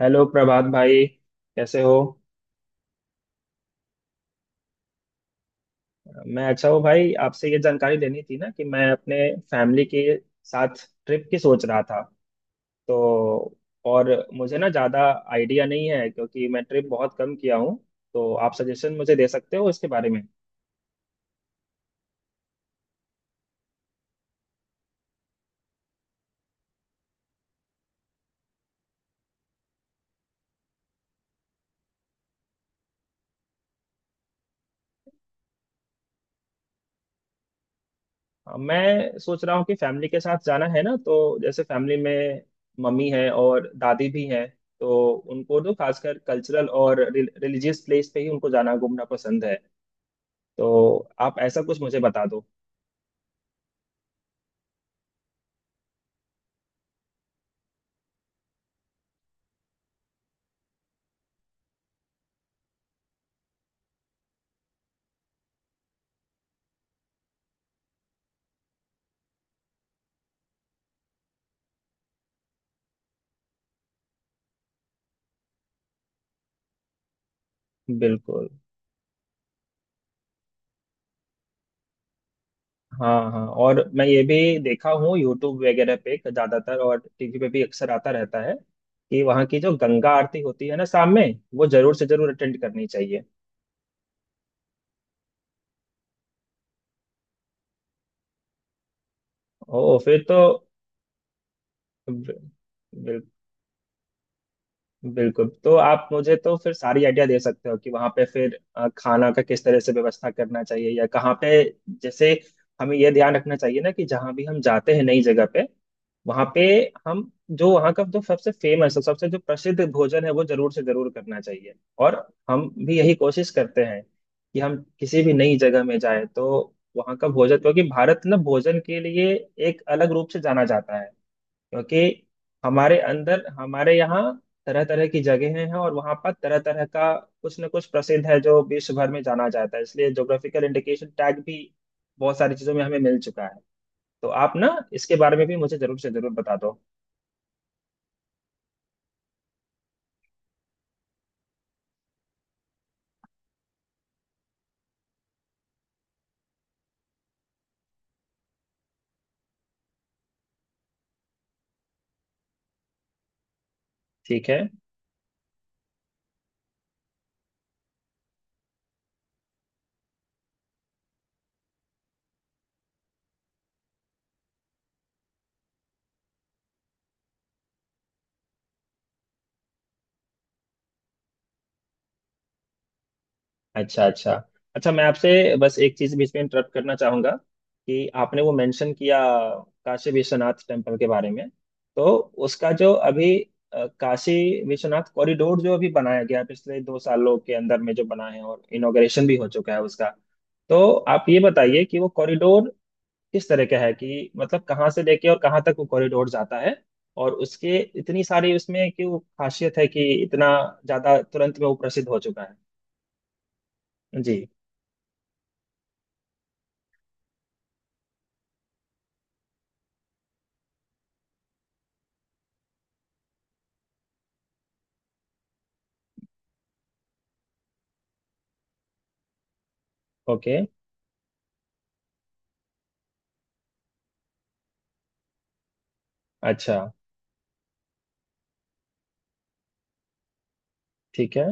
Hello Prabhat भाई। कैसे हो। मैं अच्छा हूँ भाई, आपसे ये जानकारी लेनी थी ना कि मैं अपने फैमिली के साथ ट्रिप की सोच रहा था। तो और मुझे ना ज़्यादा आइडिया नहीं है क्योंकि मैं ट्रिप बहुत कम किया हूँ। तो आप सजेशन मुझे दे सकते हो इसके बारे में। मैं सोच रहा हूँ कि फैमिली के साथ जाना है ना, तो जैसे फैमिली में मम्मी है और दादी भी हैं। तो उनको तो खासकर कल्चरल और रिलीजियस प्लेस पे ही उनको जाना घूमना पसंद है। तो आप ऐसा कुछ मुझे बता दो। बिल्कुल। हाँ हाँ, और मैं ये भी देखा हूँ यूट्यूब वगैरह पे ज्यादातर, और टीवी पे भी अक्सर आता रहता है कि वहाँ की जो गंगा आरती होती है ना शाम में, वो जरूर से जरूर अटेंड करनी चाहिए। ओ फिर तो बिल्कुल। बिल्कुल तो आप मुझे तो फिर सारी आइडिया दे सकते हो कि वहां पे फिर खाना का किस तरह से व्यवस्था करना चाहिए या कहाँ पे। जैसे, हमें यह ध्यान रखना चाहिए ना कि जहाँ भी हम जाते हैं नई जगह पे, वहां पे हम जो वहाँ का जो सबसे जो प्रसिद्ध भोजन है वो जरूर से जरूर करना चाहिए। और हम भी यही कोशिश करते हैं कि हम किसी भी नई जगह में जाए तो वहाँ का भोजन, क्योंकि भारत ना भोजन के लिए एक अलग रूप से जाना जाता है। क्योंकि हमारे अंदर हमारे यहाँ तरह तरह की जगहें हैं और वहाँ पर तरह तरह का कुछ न कुछ प्रसिद्ध है जो विश्व भर में जाना जाता है, इसलिए ज्योग्राफिकल इंडिकेशन टैग भी बहुत सारी चीजों में हमें मिल चुका है। तो आप ना इसके बारे में भी मुझे जरूर से जरूर बता दो। ठीक है। अच्छा अच्छा। अच्छा, मैं आपसे बस एक चीज बीच में इंटरप्ट करना चाहूंगा कि आपने वो मेंशन किया काशी विश्वनाथ टेम्पल के बारे में। तो उसका जो अभी काशी विश्वनाथ कॉरिडोर जो अभी बनाया गया है, पिछले दो सालों के अंदर में जो बना है और इनॉग्रेशन भी हो चुका है उसका। तो आप ये बताइए कि वो कॉरिडोर किस तरह का है, कि मतलब कहाँ से लेके और कहाँ तक वो कॉरिडोर जाता है। और उसके इतनी सारी उसमें क्यों खासियत है कि इतना ज्यादा तुरंत में वो प्रसिद्ध हो चुका है। जी। ओके। अच्छा। ठीक है।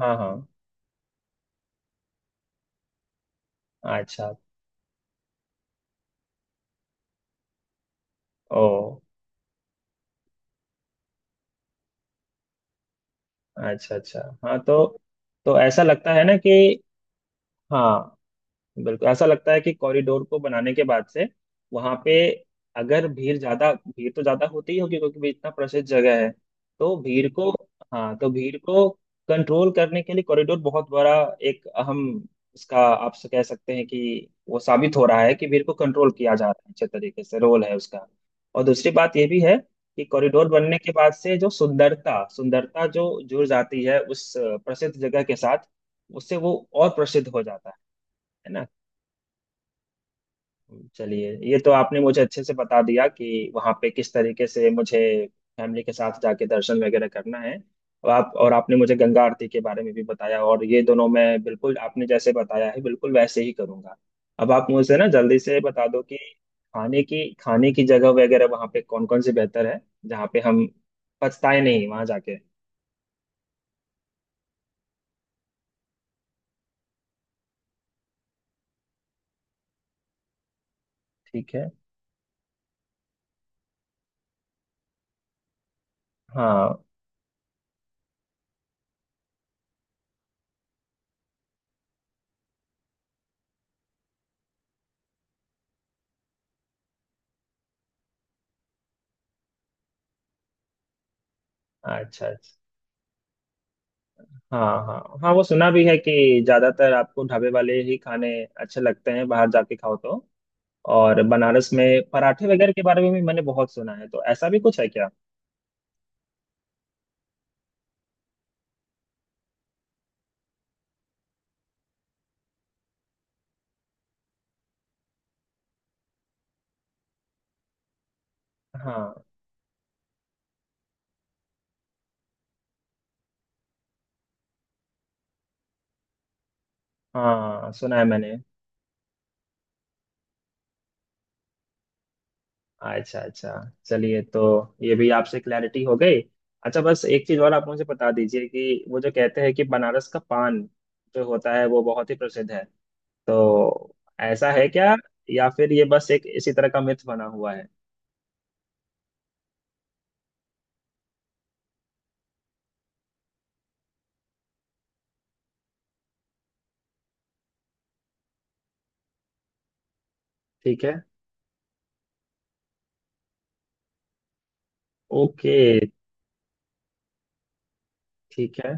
हाँ हाँ। अच्छा। ओ। अच्छा अच्छा। हाँ तो ऐसा लगता है ना कि, हाँ बिल्कुल ऐसा लगता है कि कॉरिडोर को बनाने के बाद से वहां पे अगर भीड़, ज्यादा भीड़ तो ज्यादा होती ही होगी क्योंकि भी इतना प्रसिद्ध जगह है। तो भीड़ को, हाँ तो भीड़ को कंट्रोल करने के लिए कॉरिडोर बहुत बड़ा एक अहम इसका आप से कह सकते हैं कि वो साबित हो रहा है कि भीड़ को कंट्रोल किया जा रहा है अच्छे तरीके से, रोल है उसका। और दूसरी बात ये भी है कि कॉरिडोर बनने के बाद से जो सुंदरता सुंदरता जो जुड़ जाती है उस प्रसिद्ध जगह के साथ, उससे वो और प्रसिद्ध हो जाता है ना। चलिए, ये तो आपने मुझे अच्छे से बता दिया कि वहाँ पे किस तरीके से मुझे फैमिली के साथ जाके दर्शन वगैरह करना है। और आप, और आपने मुझे गंगा आरती के बारे में भी बताया, और ये दोनों मैं बिल्कुल आपने जैसे बताया है बिल्कुल वैसे ही करूँगा। अब आप मुझे ना जल्दी से बता दो कि खाने की जगह वगैरह वहाँ पे कौन कौन सी बेहतर है, जहाँ पे हम पछताए नहीं वहाँ जाके। ठीक है। हाँ। अच्छा अच्छा। हाँ। हाँ हाँ, वो सुना भी है कि ज्यादातर आपको ढाबे वाले ही खाने अच्छे लगते हैं बाहर जाके खाओ तो। और बनारस में पराठे वगैरह के बारे में भी मैंने बहुत सुना है, तो ऐसा भी कुछ है क्या। हाँ, हाँ सुना है मैंने। अच्छा अच्छा। चलिए, तो ये भी आपसे क्लैरिटी हो गई। अच्छा, बस एक चीज और आप मुझे बता दीजिए कि वो जो कहते हैं कि बनारस का पान जो होता है वो बहुत ही प्रसिद्ध है, तो ऐसा है क्या, या फिर ये बस एक इसी तरह का मिथ बना हुआ है। ठीक है। ओके। ठीक है।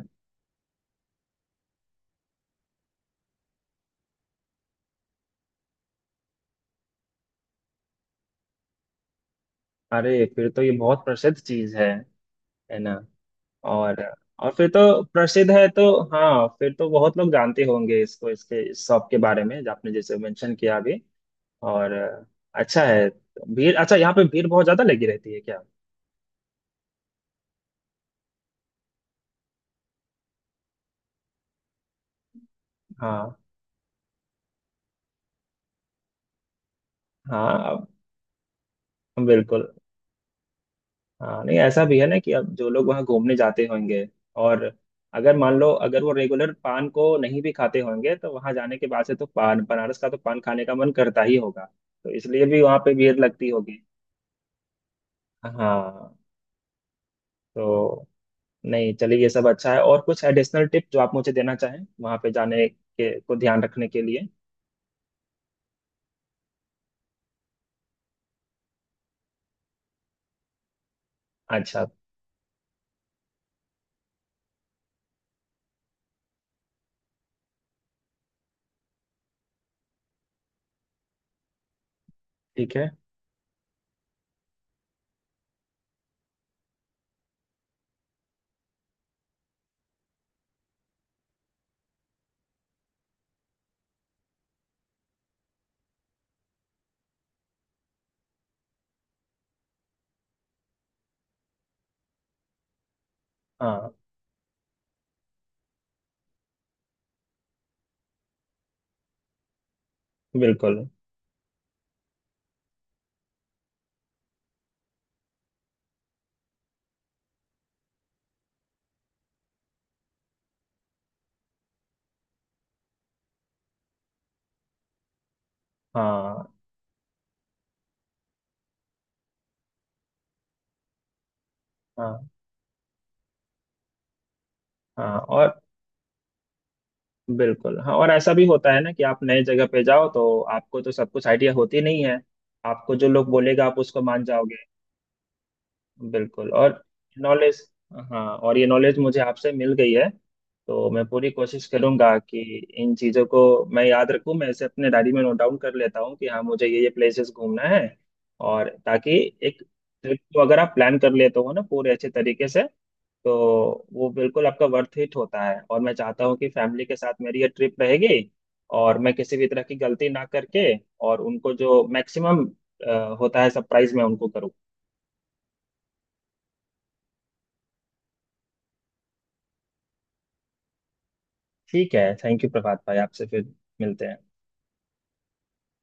अरे फिर तो ये बहुत प्रसिद्ध चीज है ना। और और फिर तो प्रसिद्ध है तो, हाँ फिर तो बहुत लोग जानते होंगे इसको, इसके इस शॉप के बारे में जो आपने जैसे मेंशन किया अभी। और अच्छा है। भीड़, अच्छा यहाँ पे भीड़ बहुत ज्यादा लगी रहती है क्या। हाँ हाँ। बिल्कुल। हाँ नहीं, ऐसा भी है ना कि अब जो लोग वहाँ घूमने जाते होंगे और अगर मान लो अगर वो रेगुलर पान को नहीं भी खाते होंगे, तो वहाँ जाने के बाद से तो पान बनारस का तो पान खाने का मन करता ही होगा। तो इसलिए भी वहाँ पे भीड़ लगती होगी। हाँ तो, नहीं चलिए, ये सब अच्छा है। और कुछ एडिशनल टिप जो आप मुझे देना चाहें वहाँ पे जाने के को ध्यान रखने के लिए। अच्छा। ठीक है। हाँ। बिल्कुल। हाँ हाँ हाँ। और बिल्कुल, हाँ और ऐसा भी होता है ना कि आप नए जगह पे जाओ तो आपको तो सब कुछ आइडिया होती नहीं है। आपको जो लोग बोलेगा आप उसको मान जाओगे। बिल्कुल और नॉलेज, हाँ और ये नॉलेज मुझे आपसे मिल गई है। तो मैं पूरी कोशिश करूंगा कि इन चीज़ों को मैं याद रखूं। मैं इसे अपने डायरी में नोट डाउन कर लेता हूं कि हाँ मुझे ये प्लेसेस घूमना है। और ताकि एक ट्रिप को अगर आप प्लान कर लेते हो ना पूरे अच्छे तरीके से, तो वो बिल्कुल आपका वर्थ इट होता है। और मैं चाहता हूँ कि फैमिली के साथ मेरी ये ट्रिप रहेगी और मैं किसी भी तरह की गलती ना करके और उनको जो मैक्सिमम होता है सरप्राइज मैं उनको करूँ। ठीक है, थैंक यू प्रभात भाई, आपसे फिर मिलते हैं।